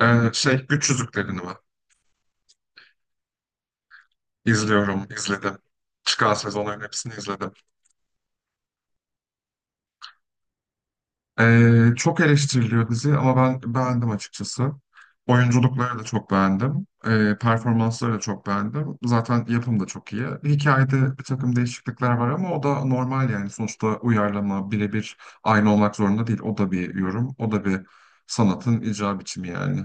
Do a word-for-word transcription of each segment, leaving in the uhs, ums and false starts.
Ee, şey Güç Yüzüklerini var. İzliyorum, izledim. Çıkan sezonların hepsini izledim. Ee, çok eleştiriliyor dizi ama ben beğendim açıkçası. Oyunculukları da çok beğendim. Ee, performansları da çok beğendim. Zaten yapım da çok iyi. Hikayede bir takım değişiklikler var ama o da normal yani. Sonuçta uyarlama birebir aynı olmak zorunda değil. O da bir yorum, o da bir sanatın icra biçimi yani.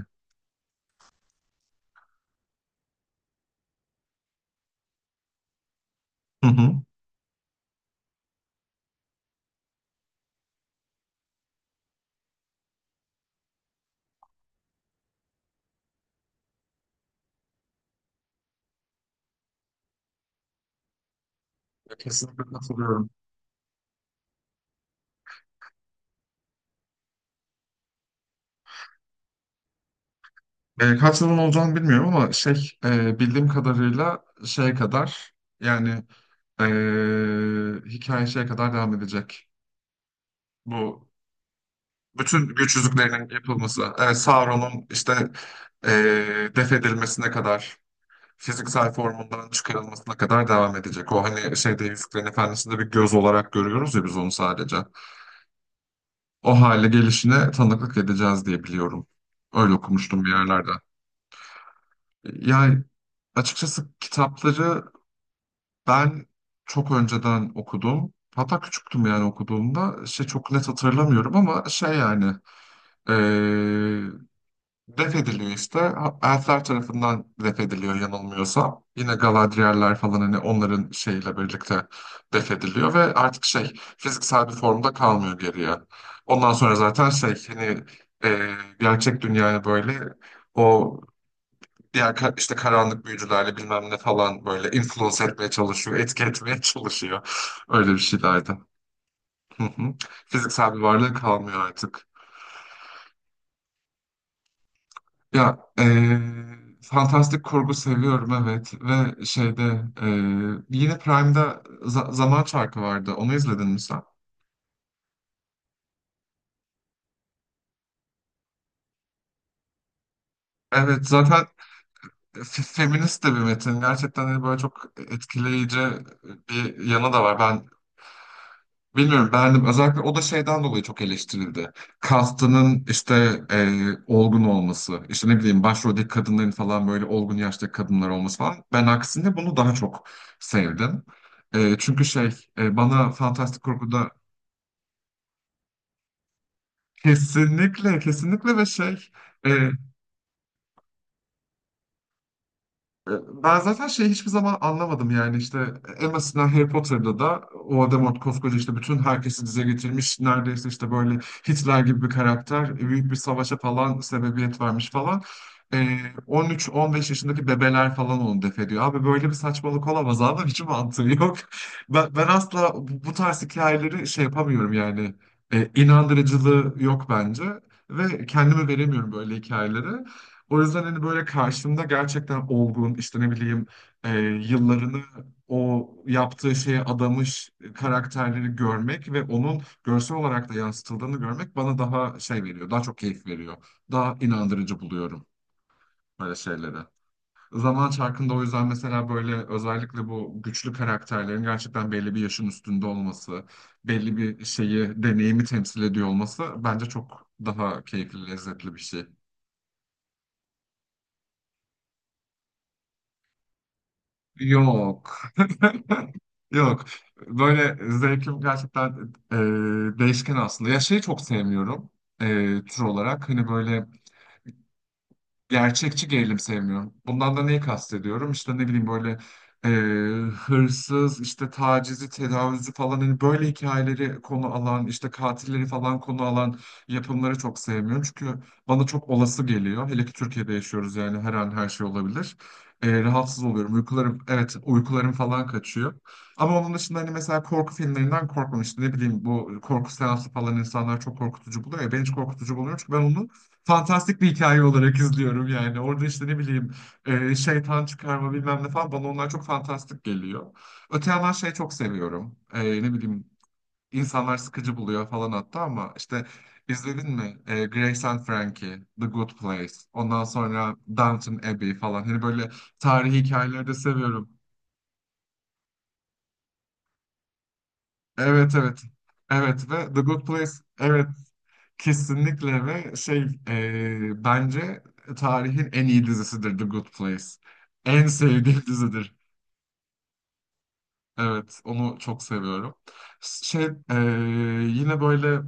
Hı hı. Kesinlikle katılıyorum. E, kaç yılın olacağını bilmiyorum ama şey e, bildiğim kadarıyla şeye kadar yani, e, hikaye şeye kadar devam edecek. Bu bütün güç yüzüklerinin yapılması, e, Sauron'un işte e, def edilmesine kadar, fiziksel formundan çıkarılmasına kadar devam edecek. O hani şeyde Yüzüklerin Efendisi'nde bir göz olarak görüyoruz ya biz onu sadece. O hale gelişine tanıklık edeceğiz diye biliyorum. Öyle okumuştum bir yerlerde. Yani açıkçası kitapları ben çok önceden okudum. Hatta küçüktüm yani okuduğumda. Şey, çok net hatırlamıyorum ama şey yani eee def ediliyor işte. Ha- Elfler tarafından def ediliyor yanılmıyorsam. Yine Galadriel'ler falan hani onların şeyiyle birlikte def ediliyor ve artık şey fiziksel bir formda kalmıyor geriye. Ondan sonra zaten şey hani, eee, gerçek dünyaya böyle o diğer ka- işte karanlık büyücülerle bilmem ne falan böyle influence etmeye çalışıyor, etki etmeye çalışıyor. Öyle bir şeylerdi. Hı hı. Fiziksel bir varlığı kalmıyor artık. Ya eee, fantastik kurgu seviyorum, evet, ve şeyde, eee, yine Prime'da za- Zaman Çarkı vardı. Onu izledin mi sen? Evet, zaten f- feminist de bir metin. Gerçekten hani böyle çok etkileyici bir yanı da var. Ben bilmiyorum, beğendim. Özellikle o da şeyden dolayı çok eleştirildi. Kastının işte e, olgun olması, işte ne bileyim başroldeki kadınların falan böyle olgun yaştaki kadınlar olması falan. Ben aksine bunu daha çok sevdim. E, çünkü şey, e, bana Fantastik Korku'da kesinlikle, kesinlikle ve şey, e, E, ben zaten şeyi hiçbir zaman anlamadım yani işte, e, en basitinden Harry Potter'da da Voldemort koskoca işte bütün herkesi dize getirmiş neredeyse, işte böyle Hitler gibi bir karakter, e, büyük bir savaşa falan sebebiyet vermiş falan. E, on üç on beş yaşındaki bebeler falan onu def ediyor. Abi böyle bir saçmalık olamaz abi hiç mantığı yok. Ben, ben asla bu, bu tarz hikayeleri şey yapamıyorum yani. E, inandırıcılığı yok bence ve kendimi veremiyorum böyle hikayelere. O yüzden hani böyle karşımda gerçekten olgun, işte ne bileyim, e, yıllarını o yaptığı şeye adamış karakterleri görmek ve onun görsel olarak da yansıtıldığını görmek bana daha şey veriyor, daha çok keyif veriyor. Daha inandırıcı buluyorum böyle şeyleri. Zaman Çarkı'nda o yüzden mesela böyle özellikle bu güçlü karakterlerin gerçekten belli bir yaşın üstünde olması, belli bir şeyi, deneyimi temsil ediyor olması bence çok daha keyifli, lezzetli bir şey. Yok. Yok. Böyle zevkim gerçekten e, değişken aslında. Ya şeyi çok sevmiyorum e, tür olarak. Hani böyle gerçekçi gerilim sevmiyorum. Bundan da neyi kastediyorum? İşte ne bileyim böyle, e, hırsız, işte tacizi, tecavüzü falan hani böyle hikayeleri konu alan, işte katilleri falan konu alan yapımları çok sevmiyorum. Çünkü bana çok olası geliyor. Hele ki Türkiye'de yaşıyoruz yani, her an her şey olabilir. E, rahatsız oluyorum. Uykularım, evet, uykularım falan kaçıyor. Ama onun dışında hani mesela korku filmlerinden korkmamıştım. Ne bileyim, bu korku seansı falan insanlar çok korkutucu buluyor ya. Ben hiç korkutucu bulmuyorum çünkü ben onu fantastik bir hikaye olarak izliyorum yani. Orada işte ne bileyim, e, şeytan çıkarma bilmem ne falan, bana onlar çok fantastik geliyor. Öte yandan şey çok seviyorum. E, ne bileyim, insanlar sıkıcı buluyor falan hatta ama işte izledin mi? E, Grace and Frankie, The Good Place, ondan sonra Downton Abbey falan. Hani böyle tarihi hikayeleri de seviyorum. Evet, evet. Evet, ve The Good Place, evet, kesinlikle ve şey, e, bence tarihin en iyi dizisidir The Good Place. En sevdiğim dizidir. Evet, onu çok seviyorum. Şey, e, yine böyle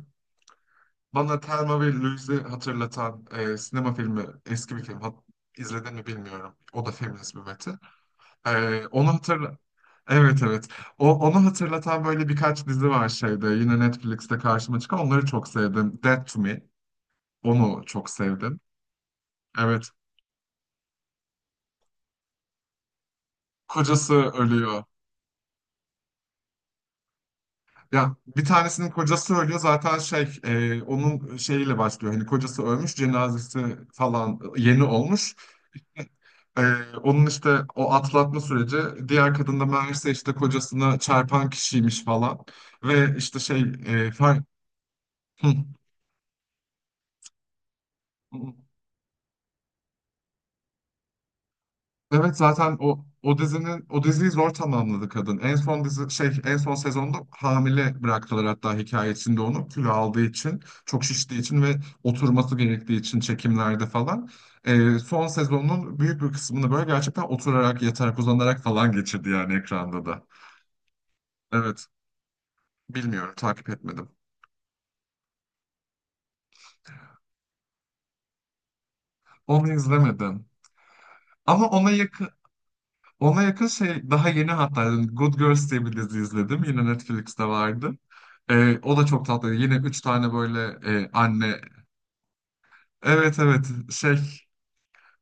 bana Thelma ve Louise'i hatırlatan, e, sinema filmi, eski bir film. Hat izledin mi bilmiyorum. O da feminist bir metin. E, onu hatırla. Evet, evet. O, onu hatırlatan böyle birkaç dizi var şeyde. Yine Netflix'te karşıma çıkan. Onları çok sevdim. Dead to Me. Onu çok sevdim. Evet. Kocası ölüyor. Ya bir tanesinin kocası ölüyor zaten şey, e, onun şeyiyle başlıyor. Hani kocası ölmüş, cenazesi falan yeni olmuş. E, Onun işte o atlatma süreci, diğer kadın da meğerse işte kocasına çarpan kişiymiş falan. Ve işte şey, e, far- hı. Evet zaten o o dizinin o diziyi zor tamamladı kadın. En son dizi şey en son sezonda hamile bıraktılar hatta hikaye içinde, onu kilo aldığı için, çok şiştiği için ve oturması gerektiği için çekimlerde falan. Ee, son sezonun büyük bir kısmını böyle gerçekten oturarak, yatarak, uzanarak falan geçirdi yani ekranda da. Evet, bilmiyorum, takip etmedim. Onu izlemedim. Ama ona yakın, ona yakın şey daha yeni hatta yani, Good Girls diye bir dizi izledim. Yine Netflix'te vardı. Ee, o da çok tatlı. Yine üç tane böyle e, anne. Evet, evet, şey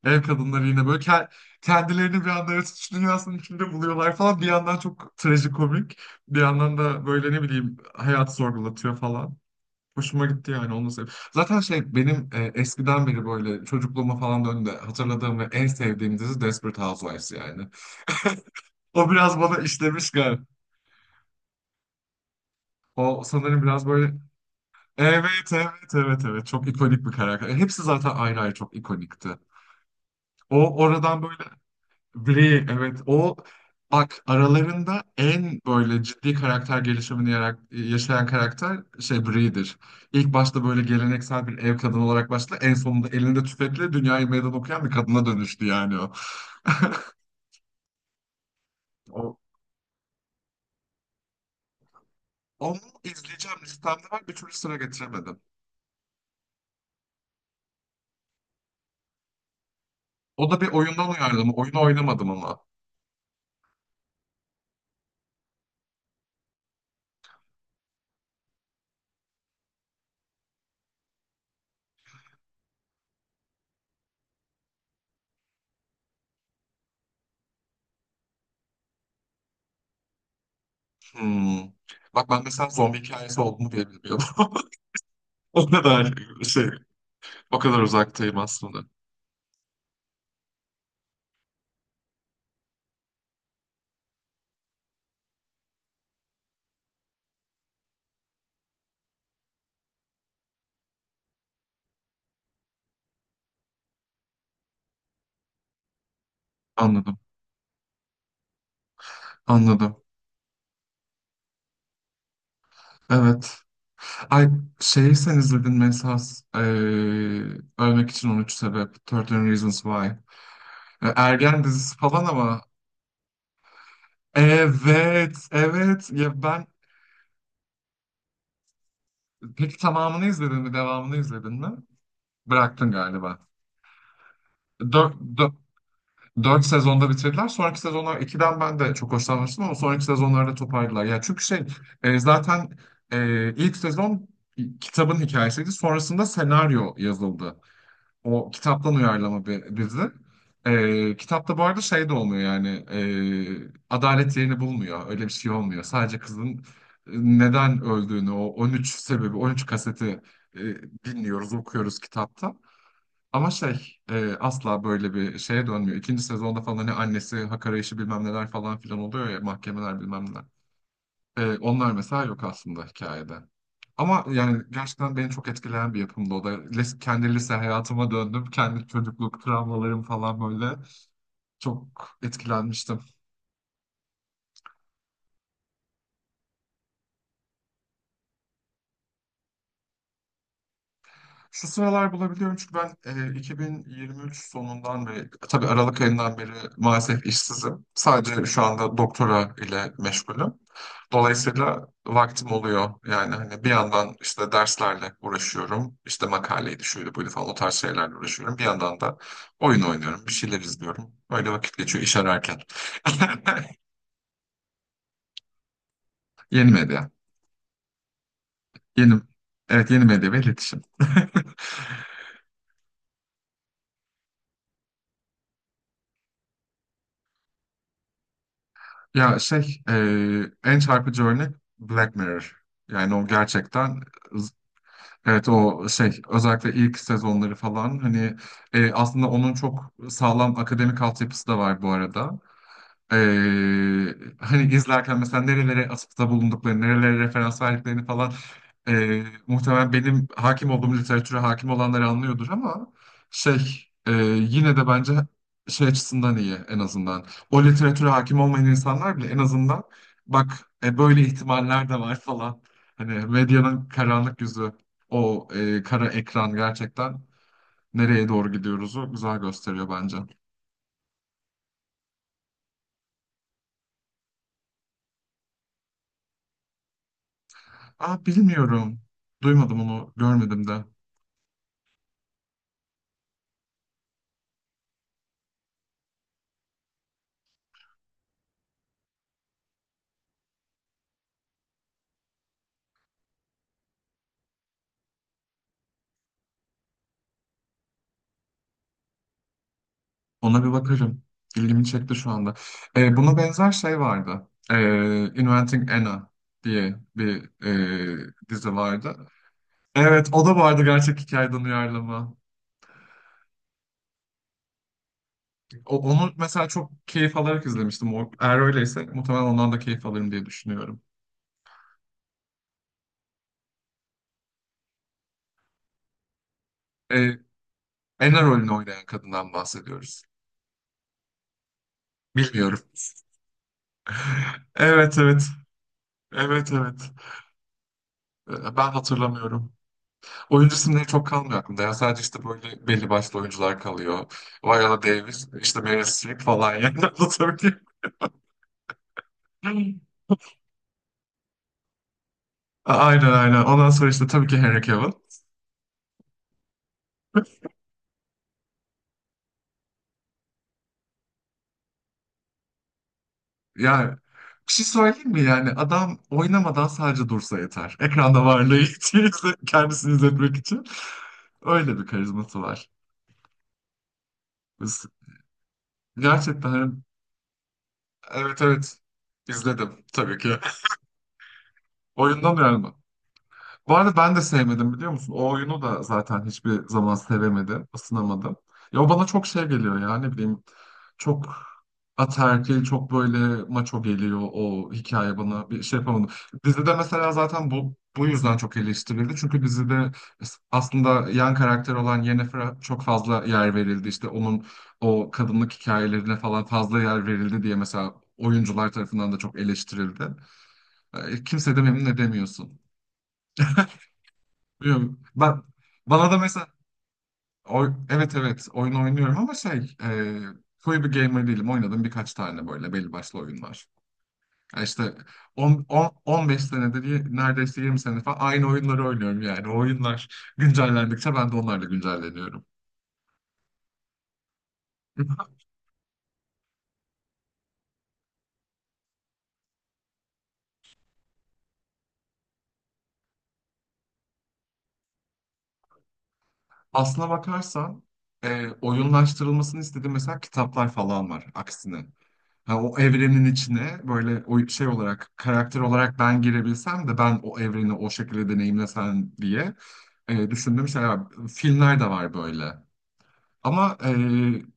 ev kadınları yine böyle, ke- kendilerini bir anda yaratıcı dünyasının içinde buluyorlar falan. Bir yandan çok trajikomik. Bir yandan da böyle ne bileyim hayat sorgulatıyor falan. Hoşuma gitti yani onu sev. Zaten şey benim, e, eskiden beri böyle çocukluğuma falan döndüğümde hatırladığım ve en sevdiğim dizi Desperate Housewives yani. O biraz bana işlemiş, o sanırım biraz böyle, evet, evet, evet, evet, çok ikonik bir karakter. E, Hepsi zaten ayrı ayrı çok ikonikti. O oradan böyle Bri, evet, o, bak aralarında en böyle ciddi karakter gelişimini yarak- yaşayan karakter şey Bri'dir. İlk başta böyle geleneksel bir ev kadını olarak başladı. En sonunda elinde tüfekle dünyayı meydan okuyan bir kadına dönüştü yani o. O, onu izleyeceğim listemde var, bir türlü sıra getiremedim. O da bir oyundan uyarlama. Oyunu oynamadım ama. Hmm. Bak ben mesela zombi hikayesi olduğunu bile bilmiyordum. O kadar şey, o kadar uzaktayım aslında. Anladım, anladım. Evet. Ay, şeyi sen izledin mi esas, eee, Ölmek için on üç sebep. on üç Reasons Why. E, Ergen dizisi falan ama. Evet, evet. Ya ben, peki tamamını izledin mi? Devamını izledin mi? Bıraktın galiba. Dört, dört, dört sezonda bitirdiler. Sonraki sezonlar ikiden ben de çok hoşlanmıştım ama sonraki sezonlarda toparladılar. Ya çünkü şey, e, zaten, e, ilk sezon kitabın hikayesiydi. Sonrasında senaryo yazıldı. O kitaptan uyarlama bir dizi. Ee, kitapta bu arada şey de olmuyor yani, e, adalet yerini bulmuyor. Öyle bir şey olmuyor. Sadece kızın neden öldüğünü, o on üç sebebi, on üç kaseti e, dinliyoruz, okuyoruz kitapta. Ama şey, e, asla böyle bir şeye dönmüyor. İkinci sezonda falan hani annesi hak arayışı bilmem neler falan filan oluyor ya, mahkemeler bilmem neler. Ee, onlar mesela yok aslında hikayede. Ama yani gerçekten beni çok etkileyen bir yapımdı o da. Lis- kendi lise hayatıma döndüm. Kendi çocukluk travmalarım falan böyle. Çok etkilenmiştim. Şu sıralar bulabiliyorum çünkü ben, e, iki bin yirmi üç sonundan beri, tabii Aralık ayından beri maalesef işsizim. Sadece şu anda doktora ile meşgulüm. Dolayısıyla vaktim oluyor. Yani hani bir yandan işte derslerle uğraşıyorum. İşte makaleydi şöyle böyle falan o tarz şeylerle uğraşıyorum. Bir yandan da oyun oynuyorum, bir şeyler izliyorum. Öyle vakit geçiyor iş ararken. Yeni medya. Yeni, evet, yeni medya ve iletişim. Ya şey, eee, en çarpıcı örnek Black Mirror. Yani o gerçekten, evet, o şey özellikle ilk sezonları falan hani, e, aslında onun çok sağlam akademik altyapısı da var bu arada. Ee, Hani izlerken mesela nerelere atıfta bulunduklarını, nerelere referans verdiklerini falan, ee, muhtemelen benim hakim olduğum literatüre hakim olanları anlıyordur ama şey, ee, yine de bence şey açısından iyi en azından. O literatüre hakim olmayan insanlar bile en azından bak, e, böyle ihtimaller de var falan. Hani medyanın karanlık yüzü, o ee, kara ekran gerçekten nereye doğru gidiyoruzu güzel gösteriyor bence. Aa, bilmiyorum. Duymadım onu, görmedim de. Ona bir bakarım. İlgimi çekti şu anda. Ee, buna benzer şey vardı. Ee, Inventing Anna diye bir e, dizi vardı. Evet, o da vardı, gerçek hikayeden uyarlama. O- onu mesela çok keyif alarak izlemiştim. O, eğer öyleyse muhtemelen ondan da keyif alırım diye düşünüyorum. Ee, Anna rolünü oynayan kadından bahsediyoruz. Bilmiyorum. Evet, evet. Evet, evet. Ee, Ben hatırlamıyorum. Oyuncu isimleri çok kalmıyor aklımda. Ya sadece işte böyle belli başlı oyuncular kalıyor. Viola Davis, işte Meryl Streep falan yani anlatabiliyor muyum? Aynen, aynen. Ondan sonra işte tabii ki Henry Cavill. Yani bir şey söyleyeyim mi yani, adam oynamadan sadece dursa yeter. Ekranda varlığı için, kendisini izletmek için. Öyle bir karizması var. Biz gerçekten, evet, evet, izledim tabii ki. Oyundan mı yani? Bu arada ben de sevmedim, biliyor musun? O oyunu da zaten hiçbir zaman sevemedim, ısınamadım. Ya o bana çok şey geliyor ya, ne bileyim. Çok ataerkil, çok böyle maço geliyor o hikaye bana, bir şey yapamadım. Dizide mesela zaten bu bu yüzden çok eleştirildi. Çünkü dizide aslında yan karakter olan Yennefer'a çok fazla yer verildi. İşte onun o kadınlık hikayelerine falan fazla yer verildi diye mesela oyuncular tarafından da çok eleştirildi. E, Kimse de memnun edemiyorsun. Biliyorum. Ben, bana da mesela oy- evet, evet, oyun oynuyorum ama şey, e, koyu bir gamer değilim. Oynadım birkaç tane böyle belli başlı oyunlar. Ya işte 10, 10, on beş senedir y- neredeyse yirmi sene falan aynı oyunları oynuyorum yani. O oyunlar güncellendikçe ben de onlarla güncelleniyorum. Aslına bakarsan e, oyunlaştırılmasını istediğim mesela kitaplar falan var aksine. Ha, o evrenin içine böyle o şey olarak karakter olarak ben girebilsem de ben o evreni o şekilde deneyimlesem diye e, düşündüğüm şeyler var. Filmler de var böyle. Ama e,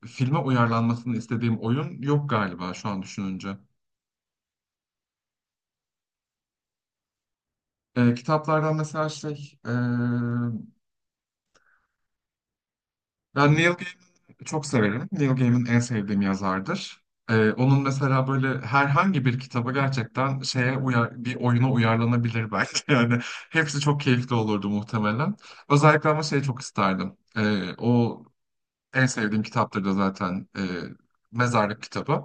filme uyarlanmasını istediğim oyun yok galiba şu an düşününce. E, kitaplardan mesela şey e, ben Neil Gaiman'ı çok severim. Neil Gaiman en sevdiğim yazardır. Ee, onun mesela böyle herhangi bir kitabı gerçekten şeye uyar, bir oyuna uyarlanabilir belki. Yani hepsi çok keyifli olurdu muhtemelen. Özellikle ama şeyi çok isterdim. Ee, o en sevdiğim kitaptır da zaten e, mezarlık kitabı.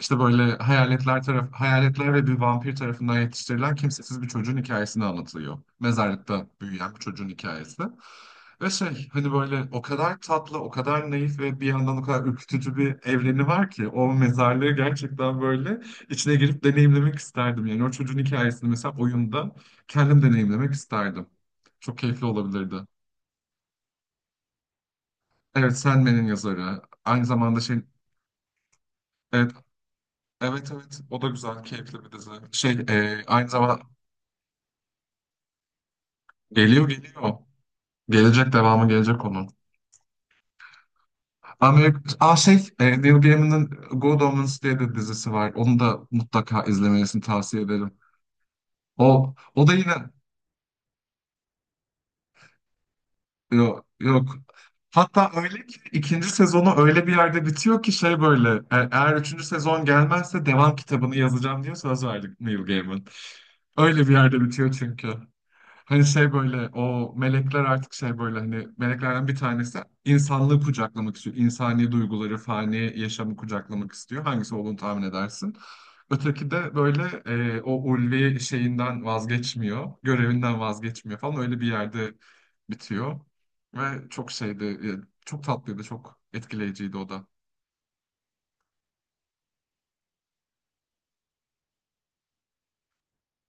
İşte böyle hayaletler taraf hayaletler ve bir vampir tarafından yetiştirilen kimsesiz bir çocuğun hikayesini anlatılıyor. Mezarlıkta büyüyen bir çocuğun hikayesi. Ve şey hani böyle o kadar tatlı, o kadar naif ve bir yandan o kadar ürkütücü bir evreni var ki o mezarlığı gerçekten böyle içine girip deneyimlemek isterdim. Yani o çocuğun hikayesini mesela oyunda kendim deneyimlemek isterdim. Çok keyifli olabilirdi. Evet, Sandman'in yazarı. Aynı zamanda şey. Evet, evet, evet. O da güzel, keyifli bir dizi. Şey, e, aynı zamanda. Geliyor geliyor. Gelecek, devamı gelecek onun. Amerika, Aa şey e, Neil Gaiman'ın Good Omens diye bir dizisi var. Onu da mutlaka izlemelisin, tavsiye ederim. O, o da yine. Yok, yok. Hatta öyle ki ikinci sezonu öyle bir yerde bitiyor ki şey böyle e- eğer üçüncü sezon gelmezse devam kitabını yazacağım diye söz verdi Neil Gaiman. Öyle bir yerde bitiyor çünkü. Hani şey böyle o melekler artık şey böyle hani meleklerden bir tanesi insanlığı kucaklamak istiyor. İnsani duyguları, fani yaşamı kucaklamak istiyor. Hangisi olduğunu tahmin edersin. Öteki de böyle e, o ulvi şeyinden vazgeçmiyor. Görevinden vazgeçmiyor falan, öyle bir yerde bitiyor. Ve çok şeydi, e, çok tatlıydı, çok etkileyiciydi o da.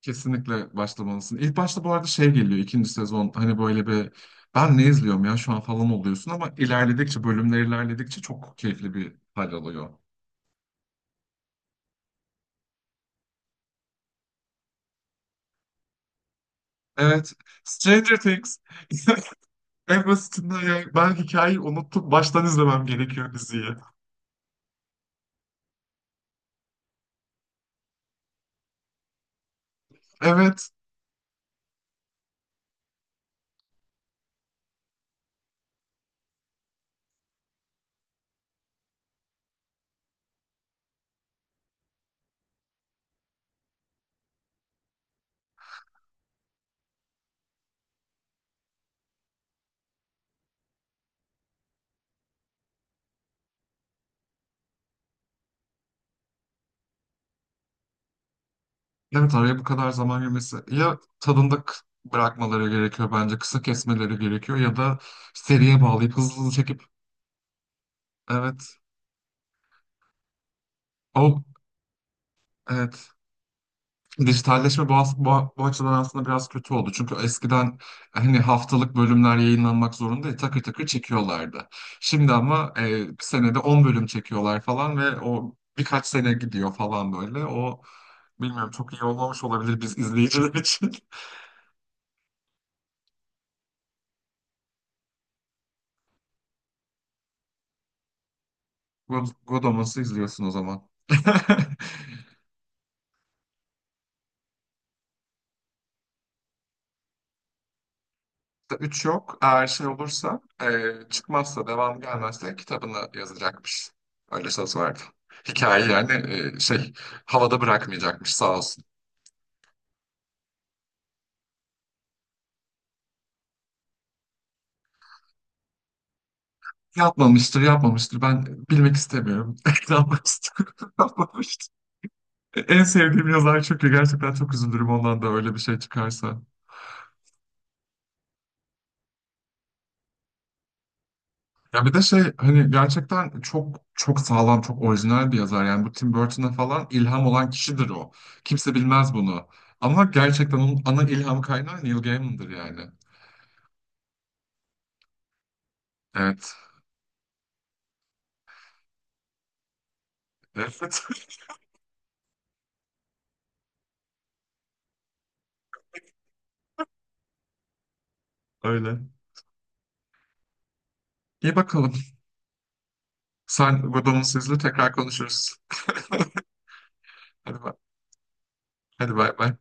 Kesinlikle başlamalısın. İlk başta bu arada şey geliyor, ikinci sezon hani böyle bir ben ne izliyorum ya şu an falan oluyorsun, ama ilerledikçe, bölümler ilerledikçe çok keyifli bir hal alıyor. Evet, Stranger Things. En basitinden ya ben hikayeyi unuttum, baştan izlemem gerekiyor diziyi. Evet, evet araya bu kadar zaman girmesi. Ya tadında k- bırakmaları gerekiyor bence, kısa kesmeleri gerekiyor ya da seriye bağlayıp hızlı hızlı çekip. Evet. O evet. Dijitalleşme bu, as- bu, bu açıdan aslında biraz kötü oldu. Çünkü eskiden hani haftalık bölümler yayınlanmak zorunda takır takır çekiyorlardı. Şimdi ama e, bir senede on bölüm çekiyorlar falan ve o birkaç sene gidiyor falan böyle. O bilmiyorum, çok iyi olmamış olabilir biz izleyiciler için. God- Godomas'ı izliyorsun o zaman. Üç yok. Eğer şey olursa, e, çıkmazsa, devam gelmezse kitabını yazacakmış. Öyle söz verdi. Hikaye yani e, şey havada bırakmayacakmış sağ olsun. Yapmamıştır, yapmamıştır. Ben bilmek istemiyorum. Yapmamıştır, yapmamıştır. E, En sevdiğim yazar çünkü, gerçekten çok üzülürüm ondan da öyle bir şey çıkarsa. Ya bir de şey hani gerçekten çok çok sağlam, çok orijinal bir yazar. Yani bu Tim Burton'a falan ilham olan kişidir o. Kimse bilmez bunu. Ama gerçekten onun ana ilham kaynağı Neil Gaiman'dır yani. Evet. Evet. Öyle. İyi bakalım. Sen Godomusuz'la tekrar konuşuruz. Hadi bay. Hadi bay bay.